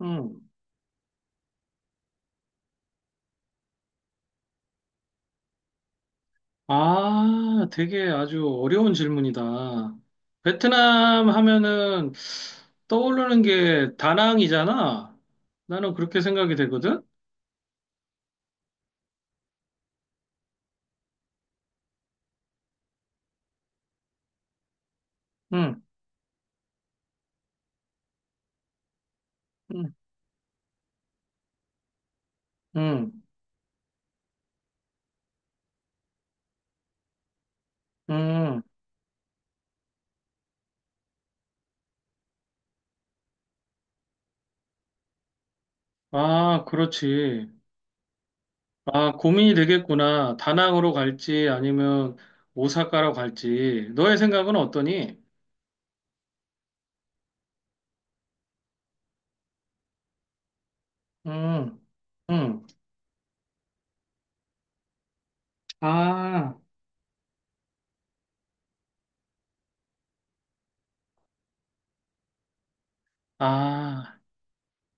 음. 아, 되게 아주 어려운 질문이다. 베트남 하면은 떠오르는 게 다낭이잖아. 나는 그렇게 생각이 되거든. 응, 응, 응, 응. 아, 그렇지. 아, 고민이 되겠구나. 다낭으로 갈지 아니면 오사카로 갈지. 너의 생각은 어떠니? 응, 응. 아, 아,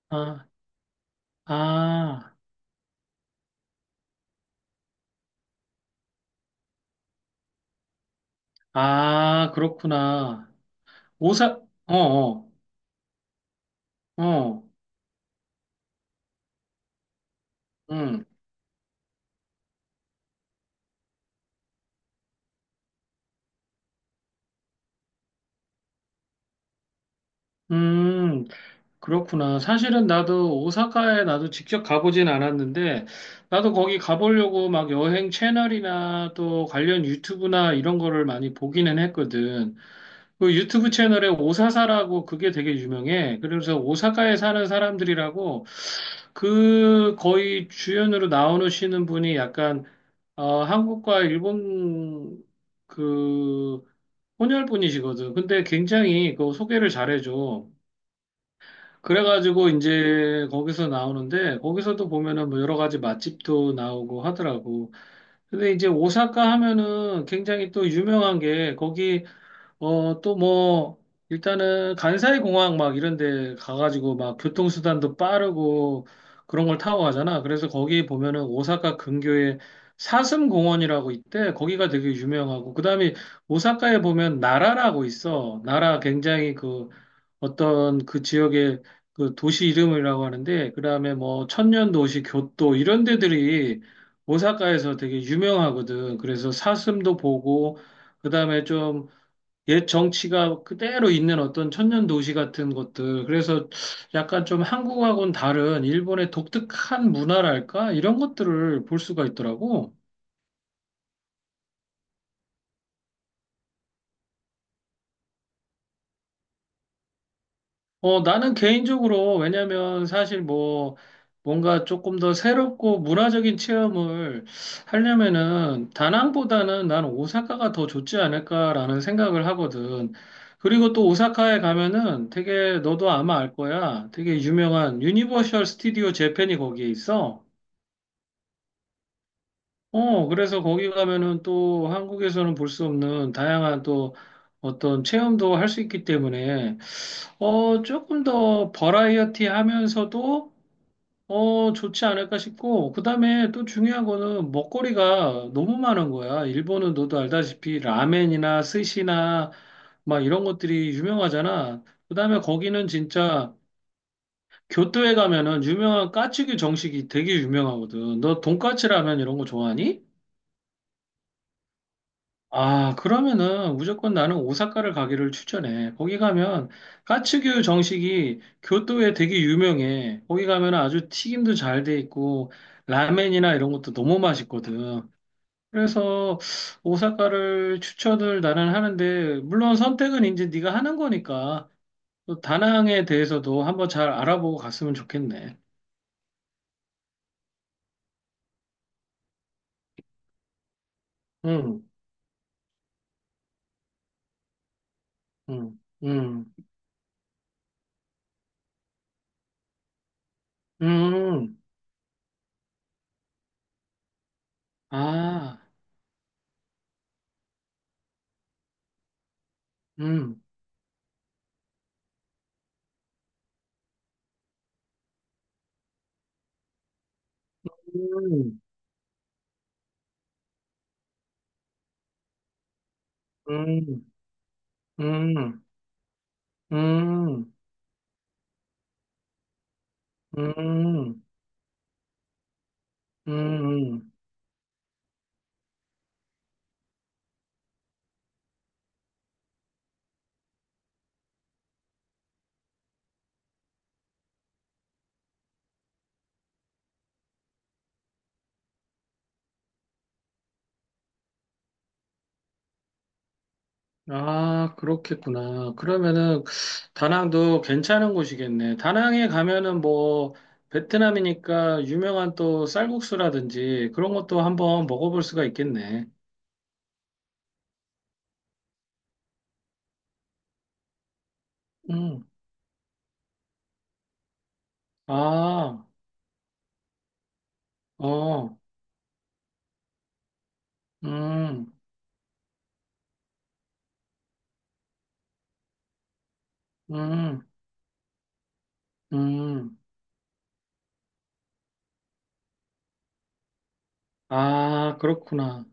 아, 아, 아, 그렇구나. 오사, 어, 어, 어, 음, 음, 그렇구나. 사실은 나도 오사카에 나도 직접 가보진 않았는데, 나도 거기 가보려고 막 여행 채널이나 또 관련 유튜브나 이런 거를 많이 보기는 했거든. 그 유튜브 채널에 오사사라고 그게 되게 유명해. 그래서 오사카에 사는 사람들이라고 그 거의 주연으로 나오시는 분이 약간, 한국과 일본 그 혼혈뿐이시거든. 근데 굉장히 그 소개를 잘해줘. 그래가지고 이제 거기서 나오는데 거기서도 보면은 뭐 여러 가지 맛집도 나오고 하더라고. 근데 이제 오사카 하면은 굉장히 또 유명한 게 거기 또 뭐, 일단은 간사이 공항 막 이런 데 가가지고 막 교통수단도 빠르고 그런 걸 타고 가잖아. 그래서 거기 보면은 오사카 근교에 사슴공원이라고 있대. 거기가 되게 유명하고. 그다음에 오사카에 보면 나라라고 있어. 나라 굉장히 그 어떤 그 지역의 그 도시 이름이라고 하는데, 그다음에 뭐 천년도시, 교토 이런 데들이 오사카에서 되게 유명하거든. 그래서 사슴도 보고, 그다음에 좀 옛 정치가 그대로 있는 어떤 천년 도시 같은 것들. 그래서 약간 좀 한국하고는 다른 일본의 독특한 문화랄까? 이런 것들을 볼 수가 있더라고. 나는 개인적으로, 왜냐면 사실 뭐, 뭔가 조금 더 새롭고 문화적인 체험을 하려면은 다낭보다는 나는 오사카가 더 좋지 않을까라는 생각을 하거든. 그리고 또 오사카에 가면은 되게 너도 아마 알 거야. 되게 유명한 유니버셜 스튜디오 재팬이 거기에 있어. 그래서 거기 가면은 또 한국에서는 볼 수 없는 다양한 또 어떤 체험도 할 수 있기 때문에, 조금 더 버라이어티 하면서도, 좋지 않을까 싶고, 그 다음에 또 중요한 거는 먹거리가 너무 많은 거야. 일본은 너도 알다시피 라멘이나 스시나 막 이런 것들이 유명하잖아. 그 다음에 거기는 진짜 교토에 가면은 유명한 까츠규 정식이 되게 유명하거든. 너 돈까츠 라면 이런 거 좋아하니? 아, 그러면은 무조건 나는 오사카를 가기를 추천해. 거기 가면 까츠규 정식이 교토에 되게 유명해. 거기 가면 아주 튀김도 잘 돼 있고 라멘이나 이런 것도 너무 맛있거든. 그래서 오사카를 추천을 나는 하는데 물론 선택은 이제 네가 하는 거니까 또 다낭에 대해서도 한번 잘 알아보고 갔으면 좋겠네. 응, 응, 응, 응, 아, 응, 응, 응, 응. 음, 음, 음, 음. 아, 그렇겠구나. 그러면은 다낭도 괜찮은 곳이겠네. 다낭에 가면은 뭐 베트남이니까 유명한 또 쌀국수라든지 그런 것도 한번 먹어볼 수가 있겠네. 음, 아, 어, 음, 음, 음. 아, 그렇구나.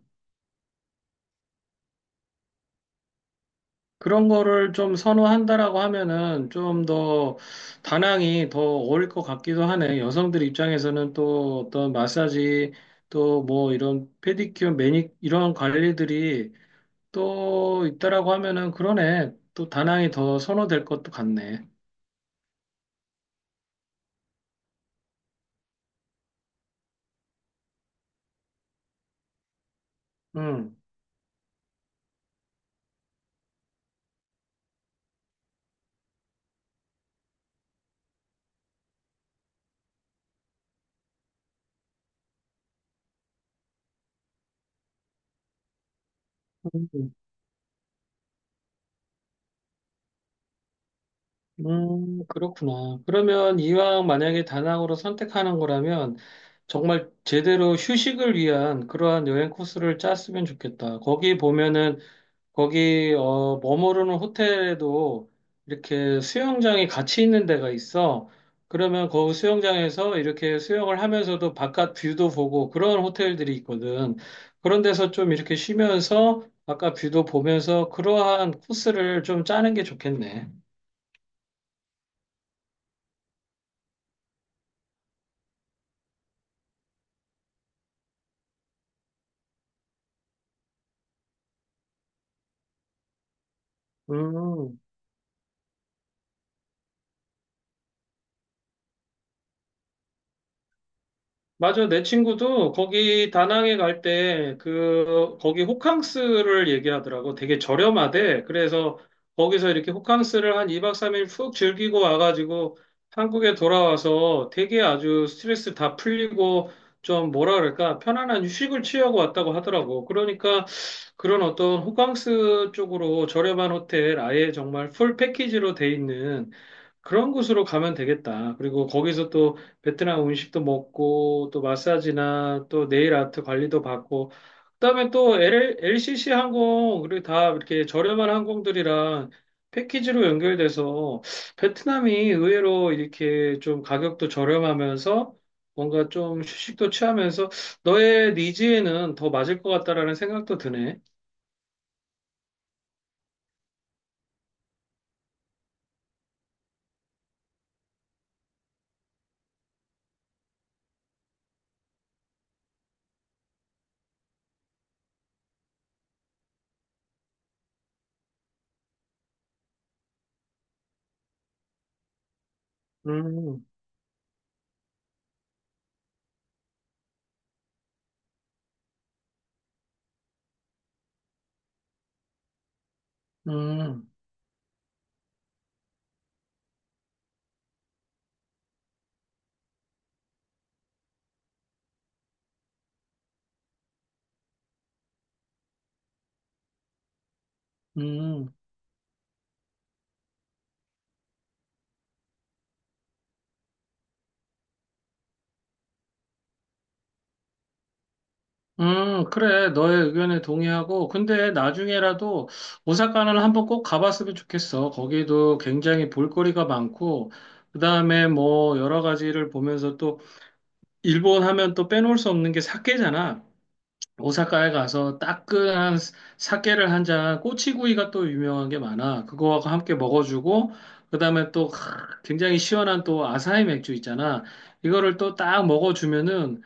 그런 거를 좀 선호한다라고 하면은 좀 더 다낭이 더 어울 릴 것 같기도 하네. 여성들 입장에서는 또 어떤 마사지 또 뭐 이런 페디큐어, 매니 이런 관리들이 또 있다라고 하면은 그러네. 또 다낭이 더 선호될 것도 같네. 음. 음, 그렇구나. 그러면 이왕 만약에 다낭으로 선택하는 거라면 정말 제대로 휴식을 위한 그러한 여행 코스를 짰으면 좋겠다. 거기 보면은 거기 머무르는 호텔에도 이렇게 수영장이 같이 있는 데가 있어. 그러면 그 수영장에서 이렇게 수영을 하면서도 바깥 뷰도 보고 그런 호텔들이 있거든. 그런 데서 좀 이렇게 쉬면서 바깥 뷰도 보면서 그러한 코스를 좀 짜는 게 좋겠네. 음. 맞아. 내 친구도 거기 다낭에 갈 때 그 거기 호캉스를 얘기하더라고. 되게 저렴하대. 그래서 거기서 이렇게 호캉스를 한 2박 3일 푹 즐기고 와가지고 한국에 돌아와서 되게 아주 스트레스 다 풀리고 좀 뭐라 그럴까? 편안한 휴식을 취하고 왔다고 하더라고. 그러니까 그런 어떤 호캉스 쪽으로 저렴한 호텔 아예 정말 풀 패키지로 돼 있는 그런 곳으로 가면 되겠다. 그리고 거기서 또 베트남 음식도 먹고 또 마사지나 또 네일 아트 관리도 받고 그다음에 또 LCC 항공 그리고 다 이렇게 저렴한 항공들이랑 패키지로 연결돼서 베트남이 의외로 이렇게 좀 가격도 저렴하면서 뭔가 좀 휴식도 취하면서 너의 니즈에는 더 맞을 것 같다라는 생각도 드네. 음, 음, 음. 그래. 너의 의견에 동의하고. 근데 나중에라도 오사카는 한번 꼭 가봤으면 좋겠어. 거기도 굉장히 볼거리가 많고, 그 다음에 뭐 여러 가지를 보면서 또 일본 하면 또 빼놓을 수 없는 게 사케잖아. 오사카에 가서 따끈한 사케를 한 잔, 꼬치구이가 또 유명한 게 많아. 그거하고 함께 먹어주고, 그 다음에 또 굉장히 시원한 또 아사히 맥주 있잖아. 이거를 또 딱 먹어주면은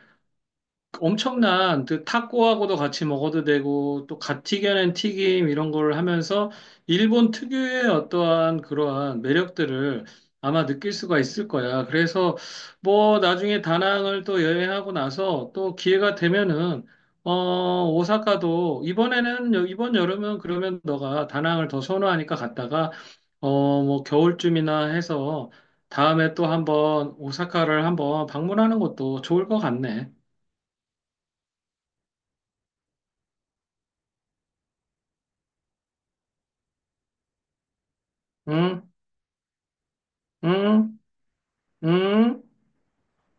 엄청난 그 타코하고도 같이 먹어도 되고 또 갓 튀겨낸 튀김 이런 걸 하면서 일본 특유의 어떠한 그러한 매력들을 아마 느낄 수가 있을 거야. 그래서 뭐 나중에 다낭을 또 여행하고 나서 또 기회가 되면은 오사카도 이번에는 이번 여름은 그러면 너가 다낭을 더 선호하니까 갔다가 뭐 겨울쯤이나 해서 다음에 또 한번 오사카를 한번 방문하는 것도 좋을 것 같네. 응? 응? 응?